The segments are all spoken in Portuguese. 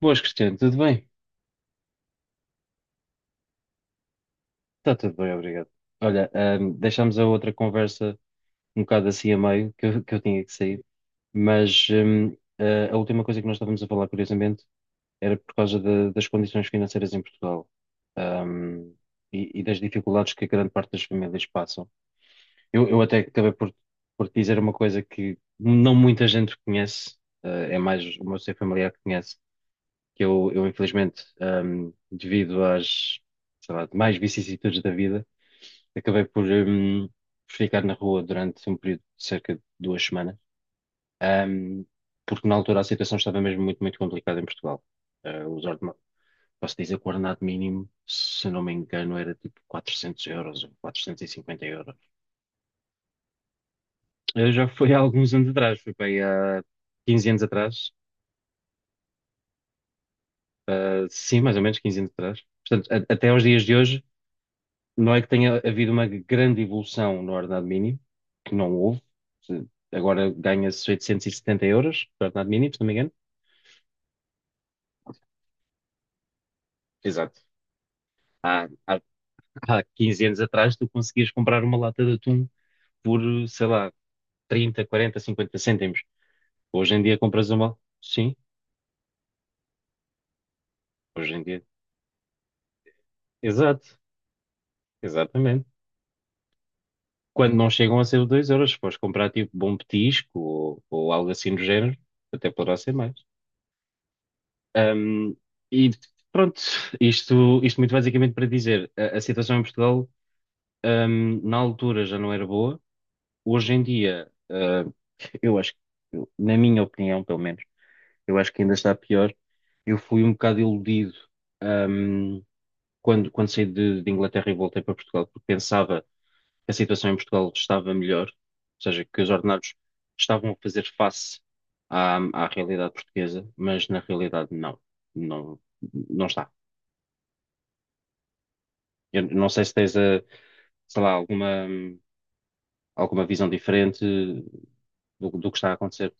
Boas, Cristiano, tudo bem? Está tudo bem, obrigado. Olha, deixámos a outra conversa um bocado assim a meio, que eu tinha que sair, mas a última coisa que nós estávamos a falar, curiosamente, era por causa da- das condições financeiras em Portugal, ahm, e das dificuldades que a grande parte das famílias passam. Eu até acabei por te dizer uma coisa que não muita gente conhece, ah, é mais o meu ser familiar que conhece, que eu infelizmente, devido às, sei lá, mais vicissitudes da vida, acabei por ficar na rua durante um período de cerca de duas semanas, hum, porque na altura a situação estava mesmo muito, muito complicada em Portugal. Os ordena- posso dizer que o ordenado mínimo, se não me engano, era tipo 400 euros ou 450 euros. Já foi há alguns anos atrás, foi bem há quinze anos atrás, eh, sim, mais ou menos 15 anos atrás. Portanto, a- até aos dias de hoje não é que tenha havido uma grande evolução no ordenado mínimo, que não houve. Se- agora ganha-se 870 euros por ordenado mínimo, se não me engano. Exato. Há, há, há 15 anos atrás tu conseguias comprar uma lata de atum por, sei lá, 30, 40, 50 cêntimos. Hoje em dia compras uma... Sim, hoje em dia. Exato, exatamente. Quando não chegam a ser os 2 euros, se fores comprar tipo bom petisco ou algo assim do género, até poderá ser mais. Um, e pronto, isto muito basicamente para dizer, a situação em Portugal, um, na altura já não era boa, hoje em dia, eu acho, que- eu- na minha opinião, pelo menos, eu acho que ainda está pior. Eu fui um bocado iludido, um, quando saí de Inglaterra e voltei para Portugal, porque pensava que a situação em Portugal estava melhor, ou seja, que os ordenados estavam a fazer face à, à realidade portuguesa, mas na realidade não, não, não está. Eu não sei se tens, eh, sei lá, alguma, alguma visão diferente do, do que está a acontecer.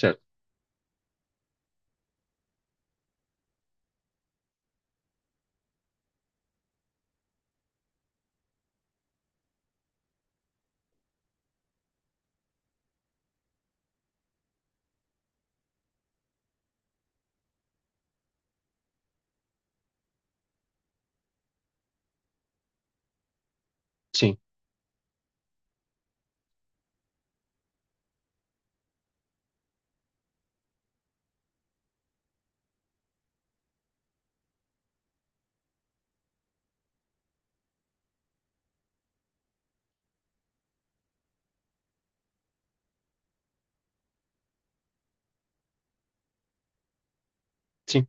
Certo? Sim, sim.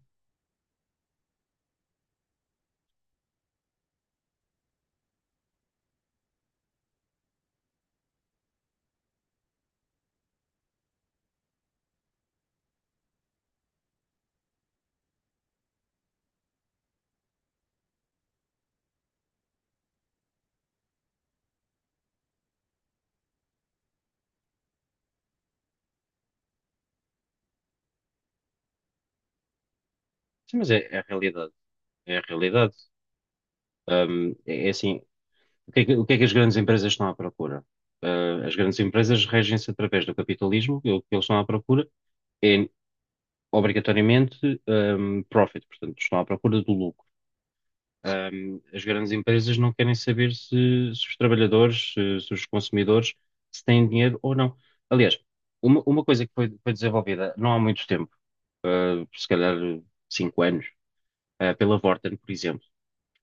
Sim, mas é, é a realidade. É a realidade. É, é assim, o que é que as grandes empresas estão à procura? Ah, as grandes empresas regem-se através do capitalismo, e o que eles estão à procura é, obrigatoriamente, profit, portanto, estão à procura do lucro. Um, as grandes empresas não querem saber se, se os trabalhadores, se os consumidores, se têm dinheiro ou não. Aliás, uma coisa que foi, foi desenvolvida não há muito tempo, se calhar cinco anos, pela Vorten, por exemplo.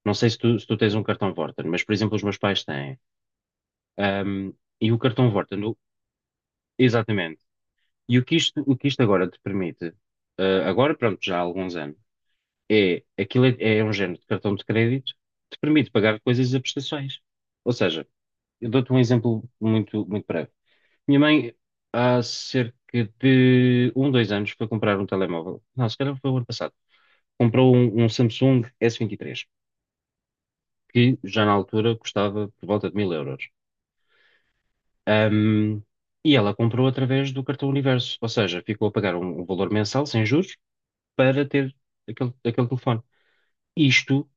Não sei se tu, se tu tens um cartão Vorten, mas, por exemplo, os meus pais têm. Um, e o cartão Vorten, o- exatamente. E o que isto agora te permite, agora, pronto, já há alguns anos, é, aquilo é, é um género de cartão de crédito que te permite pagar coisas a prestações. Ou seja, eu dou-te um exemplo muito, muito breve. Minha mãe, há cerca de um, dois anos, foi comprar um telemóvel. Não, se calhar foi o ano passado. Comprou um, um Samsung s vinte e três que já na altura custava por volta de mil euros. Ahm, e ela comprou através do cartão Universo, ou seja, ficou a pagar um, um valor mensal, sem juros, para ter aquele, aquele telefone. Isto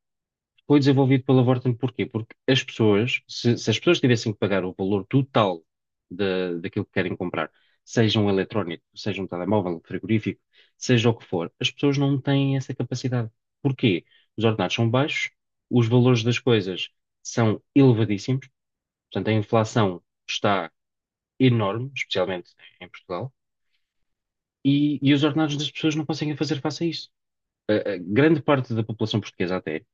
foi desenvolvido pela Vorten porquê? Porque as pessoas, se as pessoas tivessem que pagar o valor total da daquilo que querem comprar, seja um eletrónico, seja um telemóvel, um frigorífico, seja o que for, as pessoas não têm essa capacidade. Porquê? Os ordenados são baixos, os valores das coisas são elevadíssimos, portanto a inflação está enorme, especialmente em Portugal, e os ordenados das pessoas não conseguem fazer face a isso. A grande parte da população portuguesa até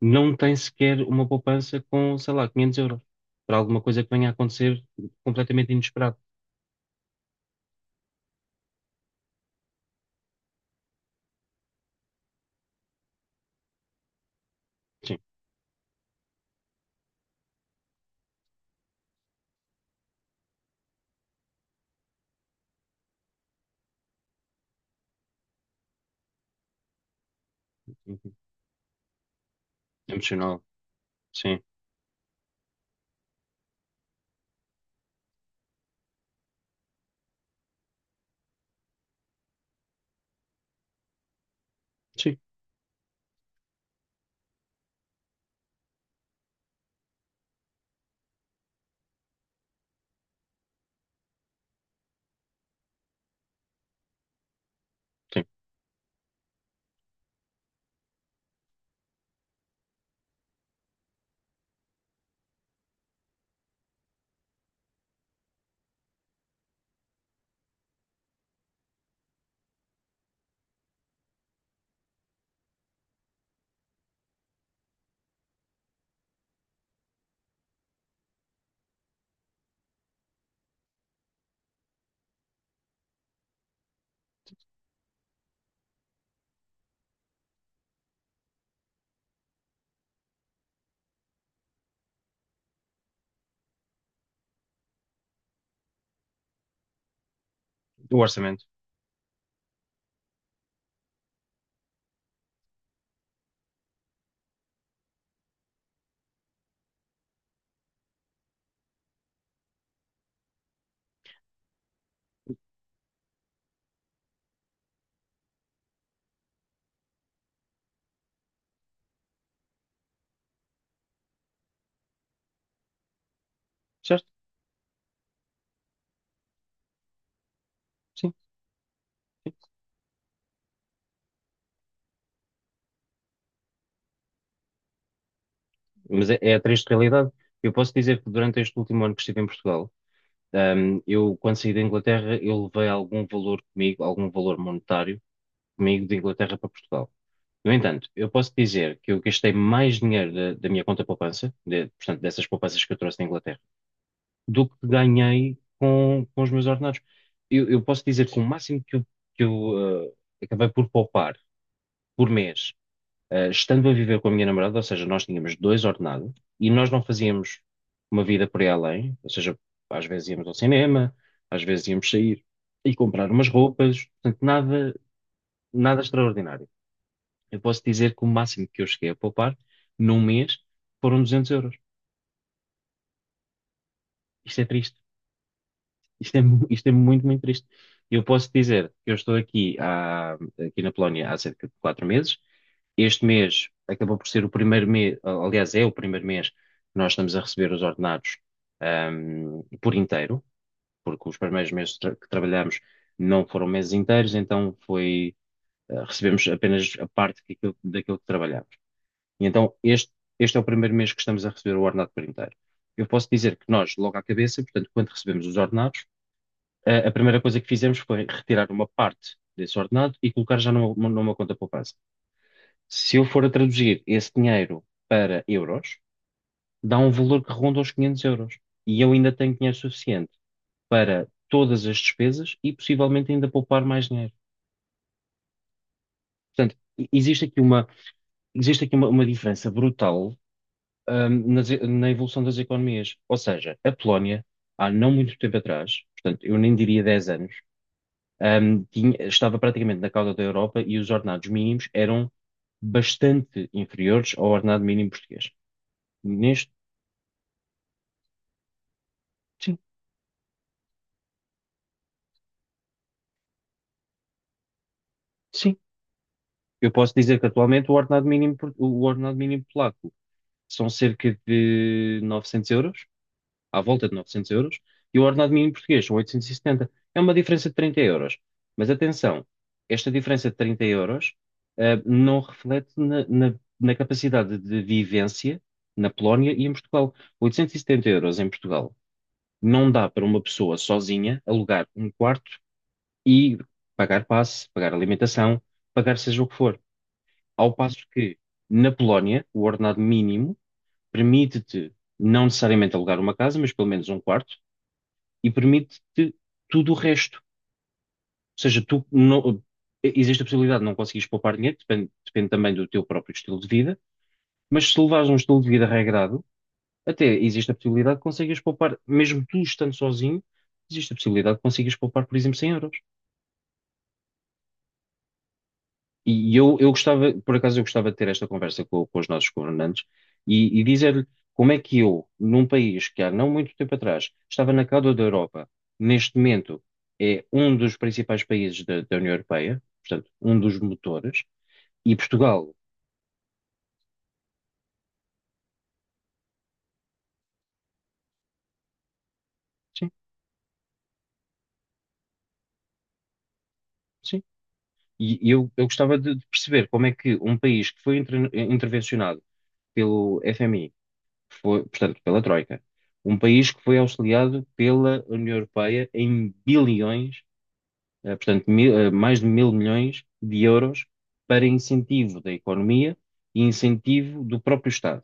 não tem sequer uma poupança com, sei lá, 500 euros para alguma coisa que venha a acontecer completamente inesperado. Sim, uhum, emocional, sim, sim, sim. O orçamento, certo? Sim, sim. Mas é, é a triste realidade. Eu posso dizer que durante este último ano que estive em Portugal, eu, quando saí da Inglaterra, eu levei algum valor comigo, algum valor monetário comigo de Inglaterra para Portugal. No entanto, eu posso dizer que eu gastei mais dinheiro da, da minha conta poupança, de- portanto, dessas poupanças que eu trouxe da Inglaterra do que ganhei com os meus ordenados. Eu posso dizer que o máximo que eu, eh, acabei por poupar por mês, eh, estando a viver com a minha namorada, ou seja, nós tínhamos dois ordenados e nós não fazíamos uma vida por aí além, ou seja, às vezes íamos ao cinema, às vezes íamos sair e comprar umas roupas, portanto, nada, nada extraordinário. Eu posso dizer que o máximo que eu cheguei a poupar num mês foram 200 euros. Isto é triste. Isto é, mu- isto é muito, muito triste. Eu posso dizer que eu estou aqui, há, aqui na Polónia há cerca de quatro meses. Este mês acabou por ser o primeiro mês, aliás, é o primeiro mês que nós estamos a receber os ordenados, por inteiro, porque os primeiros meses tra- que trabalhamos não foram meses inteiros, então foi, ah, recebemos apenas a parte que aquilo- daquilo que trabalhamos. E então este é o primeiro mês que estamos a receber o ordenado por inteiro. Eu posso dizer que nós, logo à cabeça, portanto, quando recebemos os ordenados, a primeira coisa que fizemos foi retirar uma parte desse ordenado e colocar já numa, numa conta poupança. Se eu for a traduzir esse dinheiro para euros, dá um valor que ronda os 500 euros. E eu ainda tenho dinheiro suficiente para todas as despesas e possivelmente ainda poupar mais dinheiro. Portanto, e- existe aqui uma diferença brutal, hum, nas- na evolução das economias. Ou seja, a Polónia, há não muito tempo atrás, portanto, eu nem diria 10 anos, tinha- estava praticamente na cauda da Europa e os ordenados mínimos eram bastante inferiores ao ordenado mínimo português. Neste, sim, sim. Eu posso dizer que atualmente o ordenado mínimo, por- o ordenado mínimo polaco são cerca de 900 euros à volta de 900 euros e o ordenado mínimo português são 870. É uma diferença de 30 euros. Mas atenção, esta diferença de 30 euros, eh, não reflete na, na- na capacidade de vivência na Polónia e em Portugal. 870 euros em Portugal não dá para uma pessoa sozinha alugar um quarto e pagar passe, pagar alimentação, pagar seja o que for. Ao passo que na Polónia, o ordenado mínimo permite-te não necessariamente alugar uma casa, mas pelo menos um quarto, e permite-te tudo o resto. Ou seja, tu não- existe a possibilidade de não conseguires poupar dinheiro, depende, depende também do teu próprio estilo de vida, mas se levares um estilo de vida regrado, até existe a possibilidade de conseguires poupar, mesmo tu estando sozinho, existe a possibilidade de conseguires poupar, por exemplo, 100 euros. E eu gostava, por acaso, eu gostava de ter esta conversa com os nossos governantes e dizer-lhe como é que eu, num país que há não muito tempo atrás estava na cauda da Europa, neste momento é um dos principais países da, da União Europeia, portanto, um dos motores, e Portugal, sim, sim. E eu gostava de perceber como é que um país que foi inter- intervencionado pelo FMI, que foi, portanto, pela Troika, um país que foi auxiliado pela União Europeia em bilhões eh, portanto, mil- eh, mais de mil milhões de euros para incentivo da economia e incentivo do próprio Estado.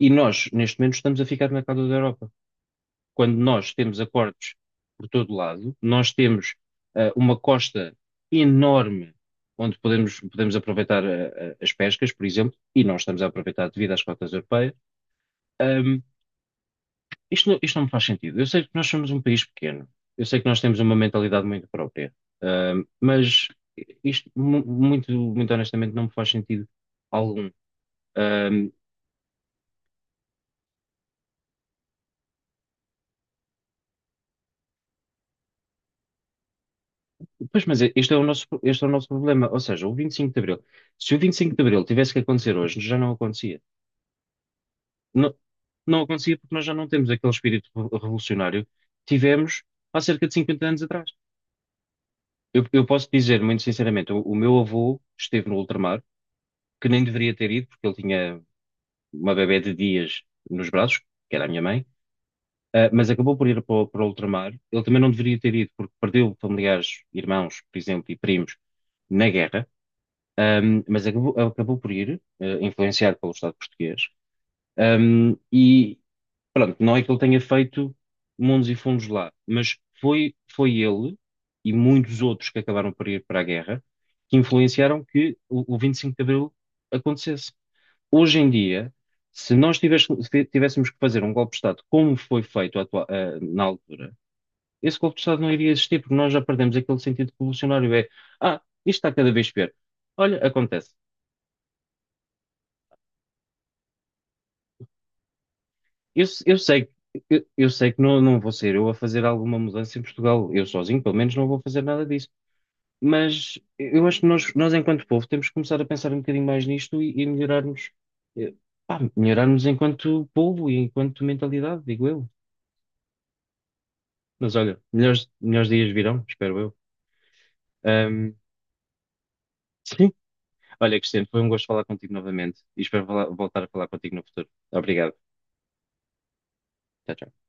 E nós, neste momento, estamos a ficar na cauda da Europa. Quando nós temos acordos por todo lado, nós temos eh, uma costa enorme onde podemos, podemos aproveitar eh, eh, as pescas, por exemplo, e nós estamos a aproveitar devido às cotas europeias. ehm, isto não me faz sentido. Eu sei que nós somos um país pequeno, eu sei que nós temos uma mentalidade muito própria, mas isto, mu- muito, muito honestamente, não me faz sentido algum. Ahm, pois, mas este é o nosso, este é o nosso problema. Ou seja, o 25 de Abril. Se o 25 de Abril tivesse que acontecer hoje, já não acontecia. Não, não acontecia porque nós já não temos aquele espírito revo- revolucionário que tivemos há cerca de 50 anos atrás. Eu posso dizer, muito sinceramente, o meu avô esteve no ultramar, que nem deveria ter ido, porque ele tinha uma bebé de dias nos braços, que era a minha mãe, ah, mas acabou por ir para, o- para o ultramar. Ele também não deveria ter ido, porque perdeu familiares, irmãos, por exemplo, e primos na guerra, mas acabou, acabou por ir, eh, influenciado pelo Estado português. E pronto, não é que ele tenha feito mundos e fundos lá, mas foi, foi ele e muitos outros que acabaram por ir para a guerra que influenciaram que o 25 de Abril acontecesse. Hoje em dia, se nós tives- se tivéssemos que fazer um golpe de Estado como foi feito atua- eh, na altura, esse golpe de Estado não iria existir, porque nós já perdemos aquele sentido revolucionário. É, ah, isto está cada vez pior. Olha, acontece. Eu, se- eu sei, eu sei que não, não vou ser eu a fazer alguma mudança em Portugal. Eu sozinho, pelo menos, não vou fazer nada disso. Mas eu acho que nós enquanto povo, temos que começar a pensar um bocadinho mais nisto e melhorarmos, eh, pá, melhorarmos enquanto povo e enquanto mentalidade, digo eu. Mas olha, melhores, melhores dias virão, espero eu. Ahm, sim. Olha, Cristiano, foi um gosto falar contigo novamente e espero falar- voltar a falar contigo no futuro. Obrigado. Tchau, tchau.